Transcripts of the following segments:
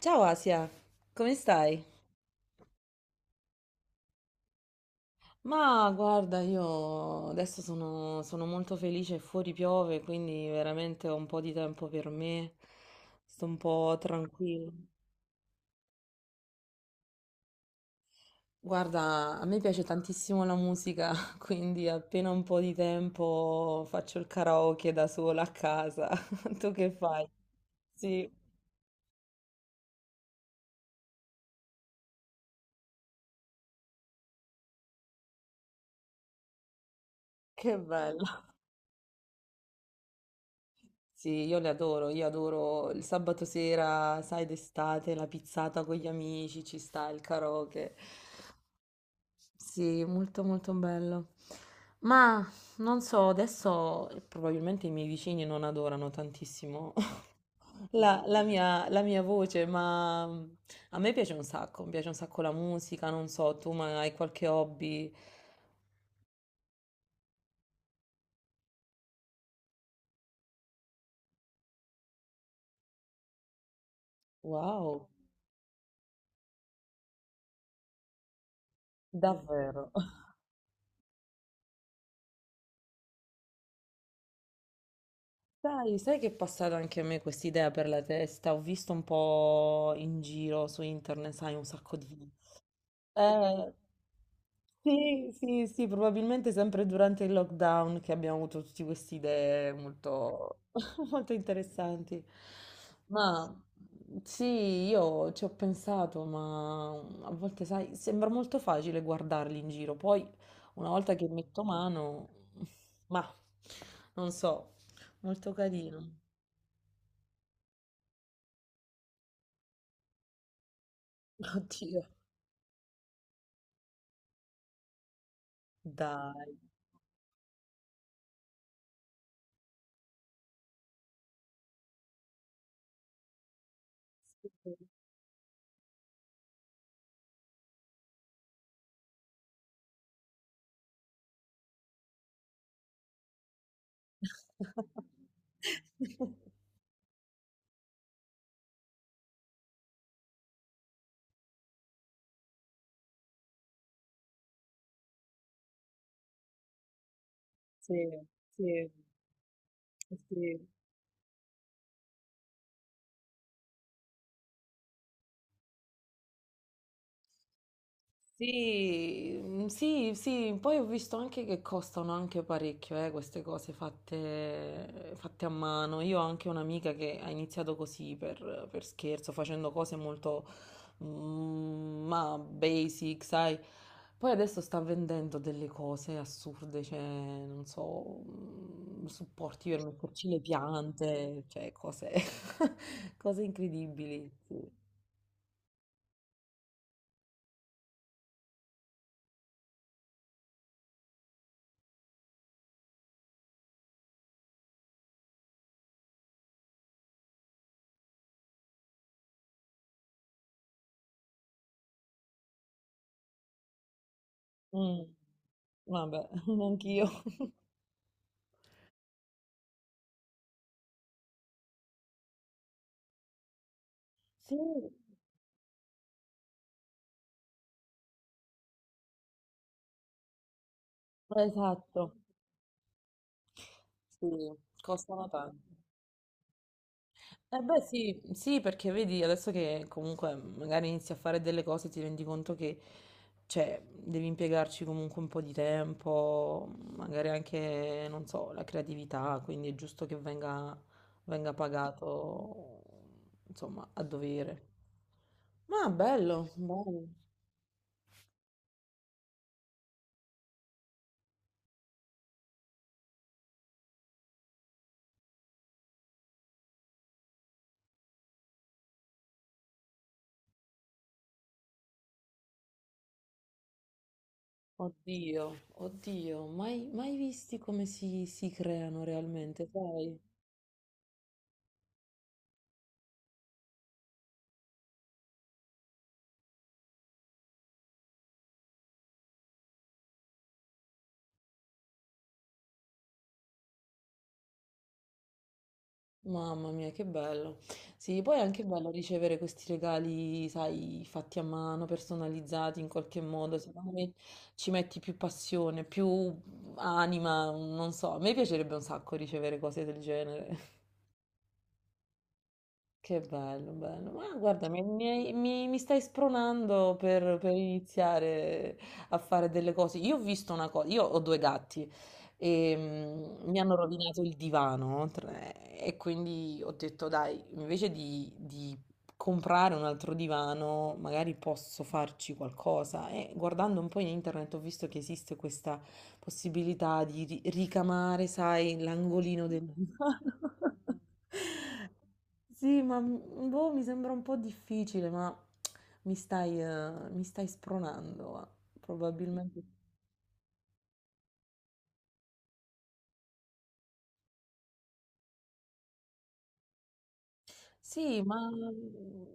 Ciao Asia, come stai? Ma guarda, io adesso sono molto felice, fuori piove, quindi veramente ho un po' di tempo per me, sto un po' tranquilla. Guarda, a me piace tantissimo la musica, quindi appena un po' di tempo faccio il karaoke da sola a casa. Tu che fai? Sì, che bello. Sì, io le adoro, io adoro il sabato sera, sai, d'estate, la pizzata con gli amici, ci sta il karaoke. Sì, molto molto bello. Ma non so, adesso probabilmente i miei vicini non adorano tantissimo la mia voce, ma a me piace un sacco, mi piace un sacco la musica, non so, tu ma hai qualche hobby? Wow, davvero. Dai, sai che è passata anche a me questa idea per la testa? Ho visto un po' in giro su internet, sai, un sacco di... Eh, sì, sì, sì, probabilmente sempre durante il lockdown che abbiamo avuto tutte queste idee molto, molto interessanti. Ma sì, io ci ho pensato, ma a volte, sai, sembra molto facile guardarli in giro, poi una volta che metto mano, ma non so, molto carino. Oddio, dai. Sì, sì, sì. Sì. Sì, sì, sì, poi ho visto anche che costano anche parecchio, queste cose fatte a mano. Io ho anche un'amica che ha iniziato così per scherzo, facendo cose molto, ma basic, sai. Poi adesso sta vendendo delle cose assurde, cioè, non so, supporti per metterci le piante, cioè cose, cose incredibili. Sì. Mm, vabbè, anch'io. Sì, esatto, sì, costano tanto. Eh beh sì, sì, perché vedi adesso che comunque magari inizi a fare delle cose ti rendi conto che cioè, devi impiegarci comunque un po' di tempo, magari anche, non so, la creatività, quindi è giusto che venga pagato, insomma, a dovere. Ma bello, bello. Oddio, oddio, mai, mai visti come si creano realmente, sai? Mamma mia, che bello. Sì, poi è anche bello ricevere questi regali, sai, fatti a mano, personalizzati in qualche modo. Secondo me ci metti più passione, più anima, non so. A me piacerebbe un sacco ricevere cose del genere. Che bello, bello. Ma guarda, mi stai spronando per iniziare a fare delle cose. Io ho visto una cosa, io ho due gatti e mi hanno rovinato il divano e quindi ho detto, dai, invece di comprare un altro divano, magari posso farci qualcosa. E guardando un po' in internet ho visto che esiste questa possibilità di ricamare, sai, l'angolino del divano. Sì, ma boh, mi sembra un po' difficile, ma mi stai spronando, probabilmente. Sì, ma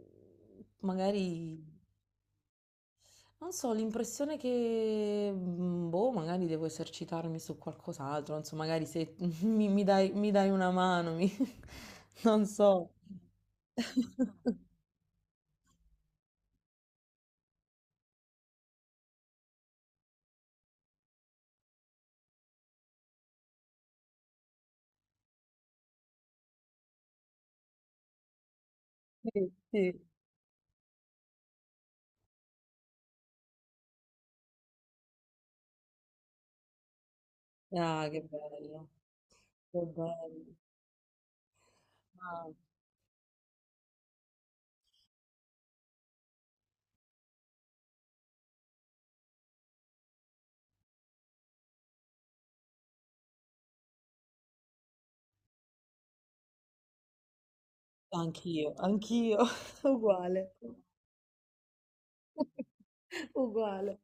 magari, non so, l'impressione che, boh, magari devo esercitarmi su qualcos'altro, non so, magari se mi dai una mano, non so. Sì, sì. Ah, che bello, che bello. Ah, anch'io, anch'io, uguale. Uguale.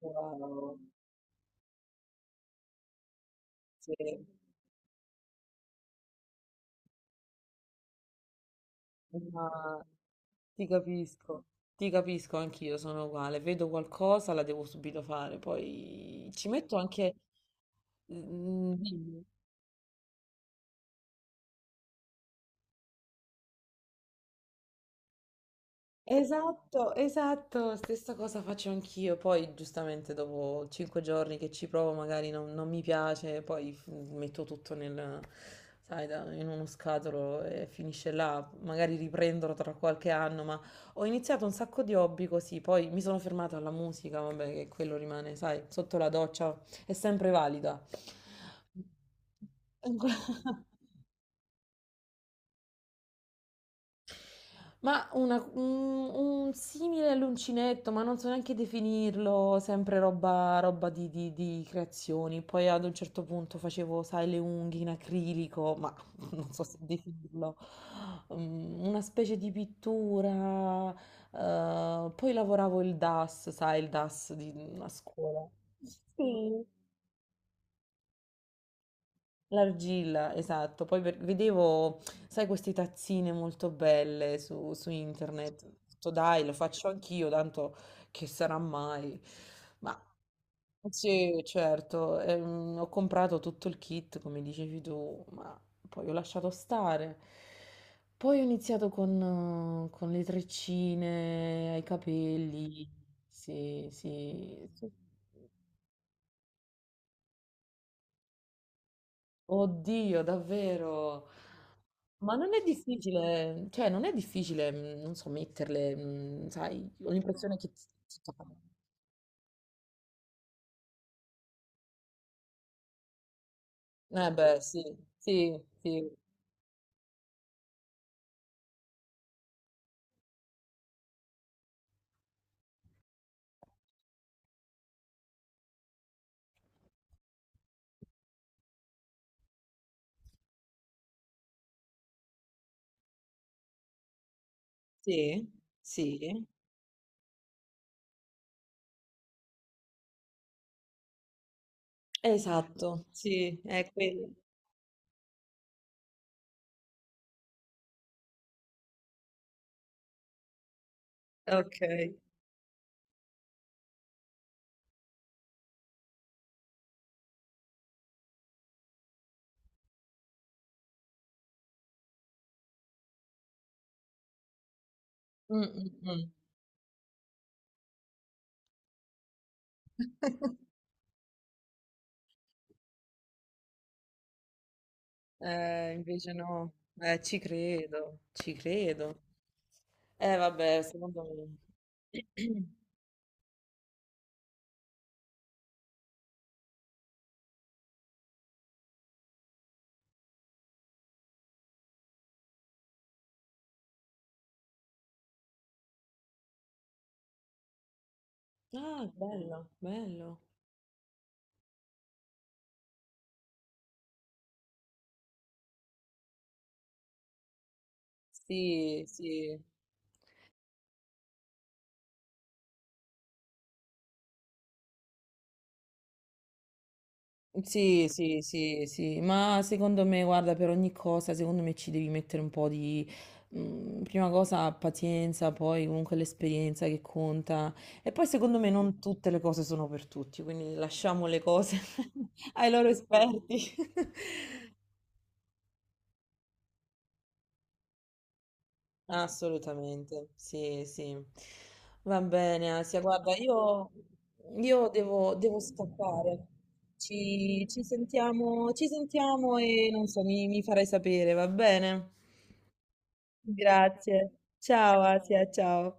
Wow, sì, ma ti capisco, ti capisco anch'io, sono uguale, vedo qualcosa, la devo subito fare, poi ci metto anche... Dimmi. Esatto, esatto, stessa cosa faccio anch'io, poi giustamente dopo cinque giorni che ci provo magari non mi piace, poi metto tutto nel, sai, in uno scatolo e finisce là, magari riprenderò tra qualche anno, ma ho iniziato un sacco di hobby così, poi mi sono fermata alla musica, vabbè, che quello rimane, sai, sotto la doccia, è sempre valida. Ma un simile l'uncinetto, ma non so neanche definirlo, sempre roba di creazioni. Poi ad un certo punto facevo, sai, le unghie in acrilico, ma non so se definirlo. Una specie di pittura. Poi lavoravo il DAS, sai, il DAS di una scuola. Sì, l'argilla, esatto. Poi vedevo, sai, queste tazzine molto belle su internet. Ho detto, Dai, lo faccio anch'io, tanto che sarà mai. Ma sì, certo, ho comprato tutto il kit, come dicevi tu, ma poi ho lasciato stare. Poi ho iniziato con le treccine ai capelli. Sì, sì. Sì. Oddio, davvero. Ma non è difficile, cioè non è difficile, non so, metterle, sai, ho l'impressione che... ti tocca. Eh beh, sì, sì, sì, sì, sì, esatto. Sì, è quello. Ok. Mm, mm, mm. Invece no. Ci credo, ci credo. Eh vabbè, secondo me... Ah, bello, bello. Sì, sì. Sì, sì, sì, sì, ma secondo me, guarda, per ogni cosa, secondo me ci devi mettere un po' di, prima cosa, pazienza, poi comunque l'esperienza che conta. E poi secondo me non tutte le cose sono per tutti, quindi lasciamo le cose ai loro esperti. Assolutamente, sì, sì. Va bene, Asia, guarda, io devo scappare. Ci sentiamo e non so, mi farai sapere, va bene? Grazie. Ciao, Asia, ciao.